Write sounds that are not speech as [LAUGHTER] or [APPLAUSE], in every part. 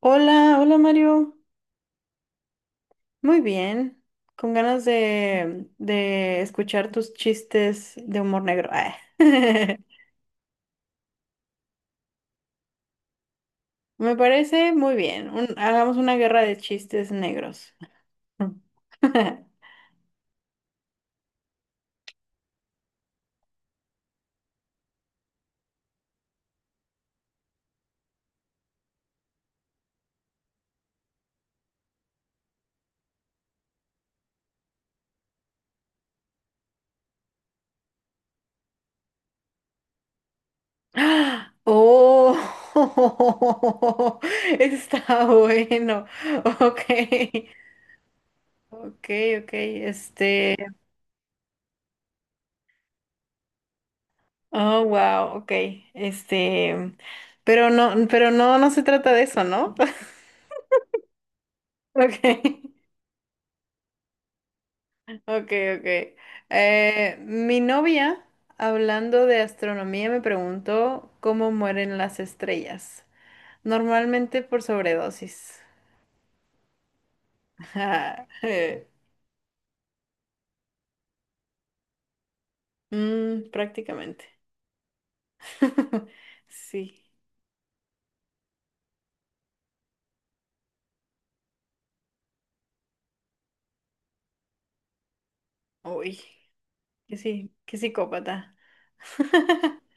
Hola, hola Mario. Muy bien. Con ganas de escuchar tus chistes de humor negro. Ah. [LAUGHS] Me parece muy bien. Hagamos una guerra de chistes negros. [LAUGHS] Oh, [LAUGHS] está bueno. Ok, ok, ok. Este, oh, wow, ok. Este, pero no, no se trata de eso, ¿no? [LAUGHS] Ok. Ok, ok. Mi novia, hablando de astronomía, me preguntó cómo mueren las estrellas. Normalmente por sobredosis. [LAUGHS] Ajá, mm, prácticamente. [LAUGHS] Sí. Uy, qué sí, qué psicópata. [LAUGHS]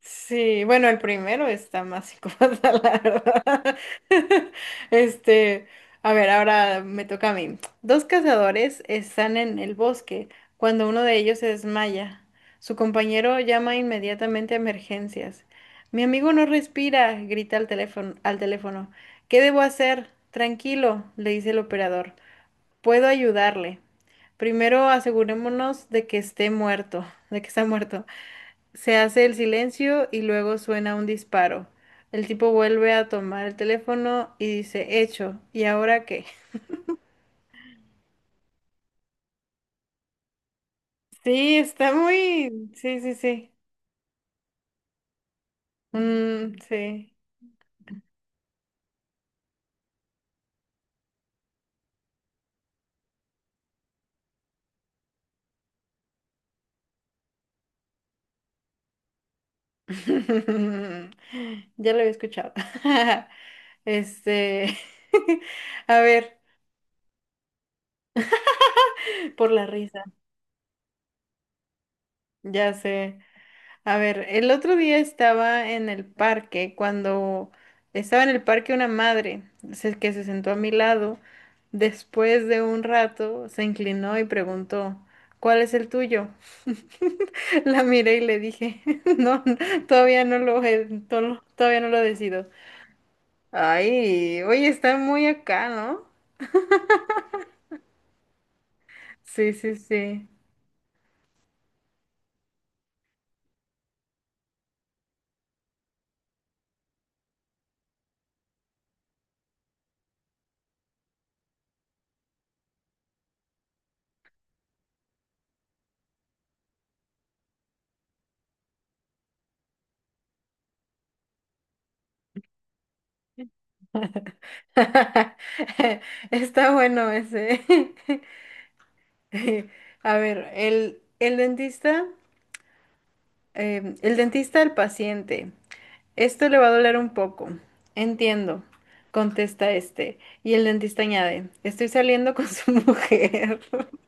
Sí, bueno, el primero está más psicópata, [LAUGHS] la verdad. [LAUGHS] Este, a ver, ahora me toca a mí. Dos cazadores están en el bosque cuando uno de ellos se desmaya. Su compañero llama inmediatamente a emergencias. Mi amigo no respira, grita al teléfono, al teléfono. ¿Qué debo hacer? Tranquilo, le dice el operador. Puedo ayudarle. Primero asegurémonos de que esté muerto, de que está muerto. Se hace el silencio y luego suena un disparo. El tipo vuelve a tomar el teléfono y dice, hecho, ¿y ahora qué? Sí, está muy... Sí, sí, sí. Mm, sí. [LAUGHS] Ya lo había escuchado. [LAUGHS] Este... [LAUGHS] A ver, por la risa. Ya sé. A ver, el otro día estaba en el parque una madre que se sentó a mi lado, después de un rato se inclinó y preguntó, ¿cuál es el tuyo? [LAUGHS] La miré y le dije, [LAUGHS] no, todavía no lo decido. Ay, oye, está muy acá, ¿no? Sí, sí, sí. [LAUGHS] Está bueno ese. [LAUGHS] [LAUGHS] A ver, el dentista. Em, el dentista al paciente. Esto le va a doler un poco. Entiendo, contesta este. Y el dentista añade, estoy saliendo con su [LAUGHS] mujer. [LAUGHS]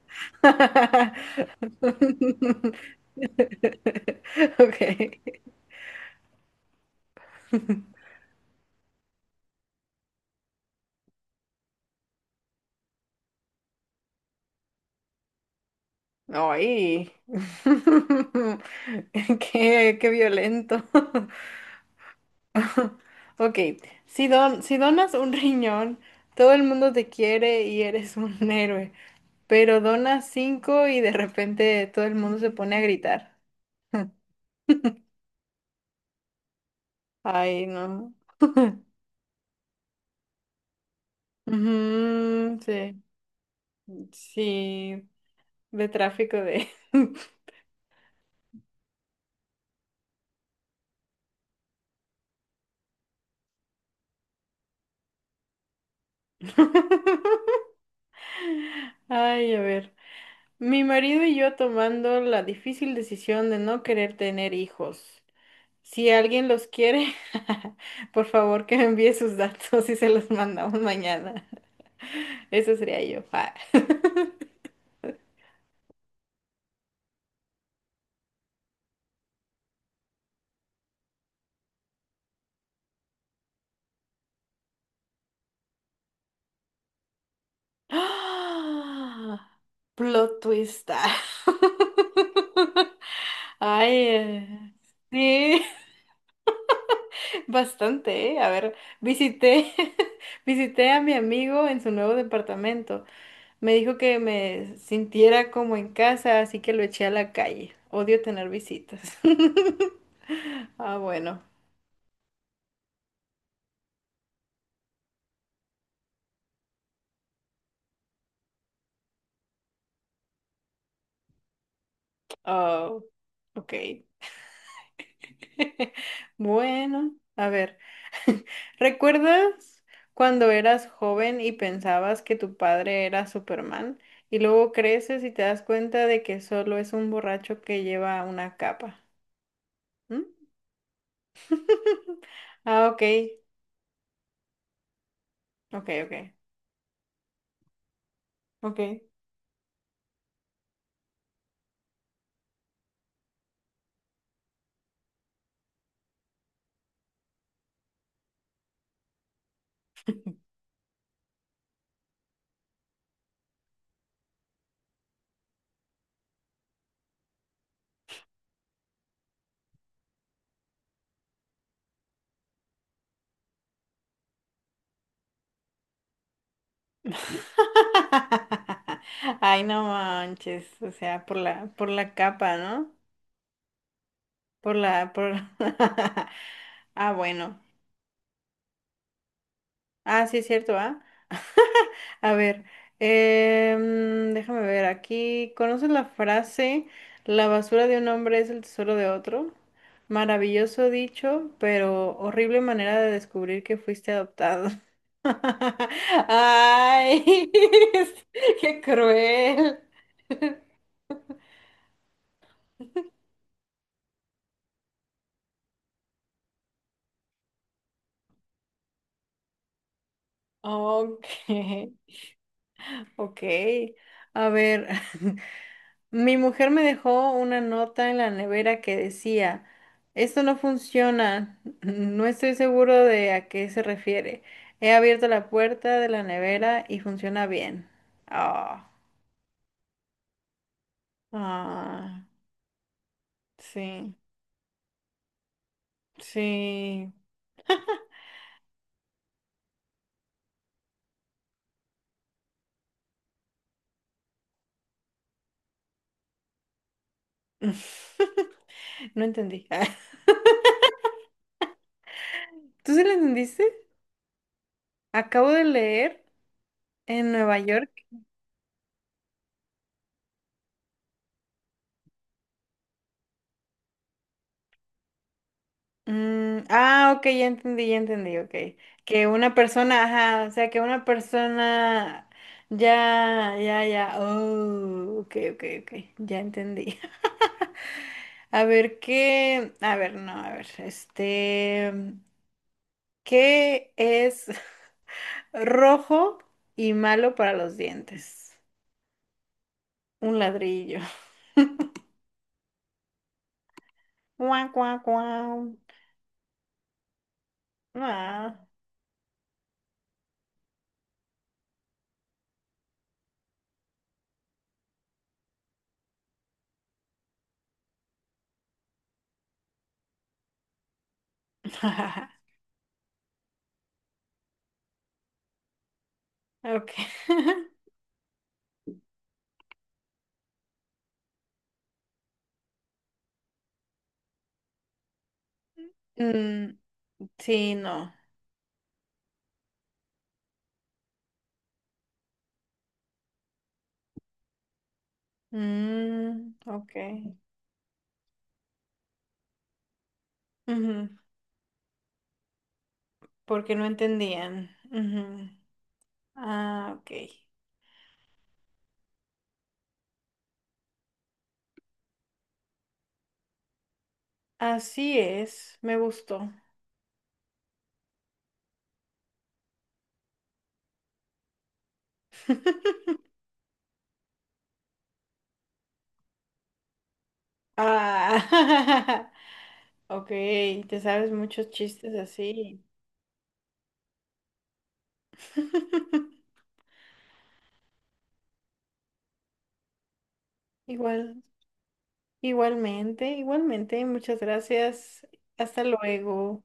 Ok. Ay. [LAUGHS] Qué, qué violento. [LAUGHS] Ok. Si donas un riñón, todo el mundo te quiere y eres un [LAUGHS] héroe. Pero donas cinco y de repente todo el mundo se pone a gritar. [LAUGHS] Ay, no. [LAUGHS] Ujú, sí, sí, de tráfico de... [LAUGHS] Ay, a ver. Mi marido y yo tomando la difícil decisión de no querer tener hijos. Si alguien los quiere, [LAUGHS] por favor que me envíe sus datos y se los mandamos mañana. [LAUGHS] Eso sería yo. Ah. [LAUGHS] Plot twist. [LAUGHS] Ay, sí. Bastante, ¿eh? A ver, visité, [LAUGHS] visité a mi amigo en su nuevo departamento. Me dijo que me sintiera como en casa, así que lo eché a la calle. Odio tener visitas. [LAUGHS] Ah, bueno. Oh, ok. [LAUGHS] Bueno, a ver. [LAUGHS] ¿Recuerdas cuando eras joven y pensabas que tu padre era Superman? Y luego creces y te das cuenta de que solo es un borracho que lleva una capa. [LAUGHS] Ah, ok, ok, ok, ok. [LAUGHS] Ay, no manches, o sea, por la capa, ¿no? Por la, por... [LAUGHS] Ah, bueno. Ah, sí es cierto, ¿ah? A ver, em, déjame ver aquí. ¿Conoces la frase, la basura de un hombre es el tesoro de otro? Maravilloso dicho, pero horrible manera de descubrir que fuiste adoptado. [LAUGHS] Ay, [LAUGHS] qué cruel. Ok, ok. A ver, [LAUGHS] mi mujer me dejó una nota en la nevera que decía, esto no funciona, [LAUGHS] no estoy seguro de a qué se refiere. He abierto la puerta de la nevera y funciona bien. Ah, ah, sí, sí. [LAUGHS] No entendí. [LAUGHS] ¿Tú sí lo entendiste? Acabo de leer en Nueva York. Mm, ah, ok, ya entendí, ok. Que una persona, ajá, o sea, que una persona, ya, ya, ya, oh, ok, ok, ok, ya entendí. [LAUGHS] A ver, ¿qué? A ver, no, a ver, este, ¿qué es [LAUGHS] rojo y malo para los dientes? Un ladrillo. [LAUGHS] Guau, guau, guau. Ah. [LAUGHS] Ok. [LAUGHS] Mm, sí, no. Mm, ok. Ujú, porque no entendían. Ujú. Ah, ok. Así es, me gustó. [LAUGHS] Ah, [LAUGHS] ok, te sabes muchos chistes así. [LAUGHS] Igual, igualmente, igualmente, muchas gracias. Hasta luego.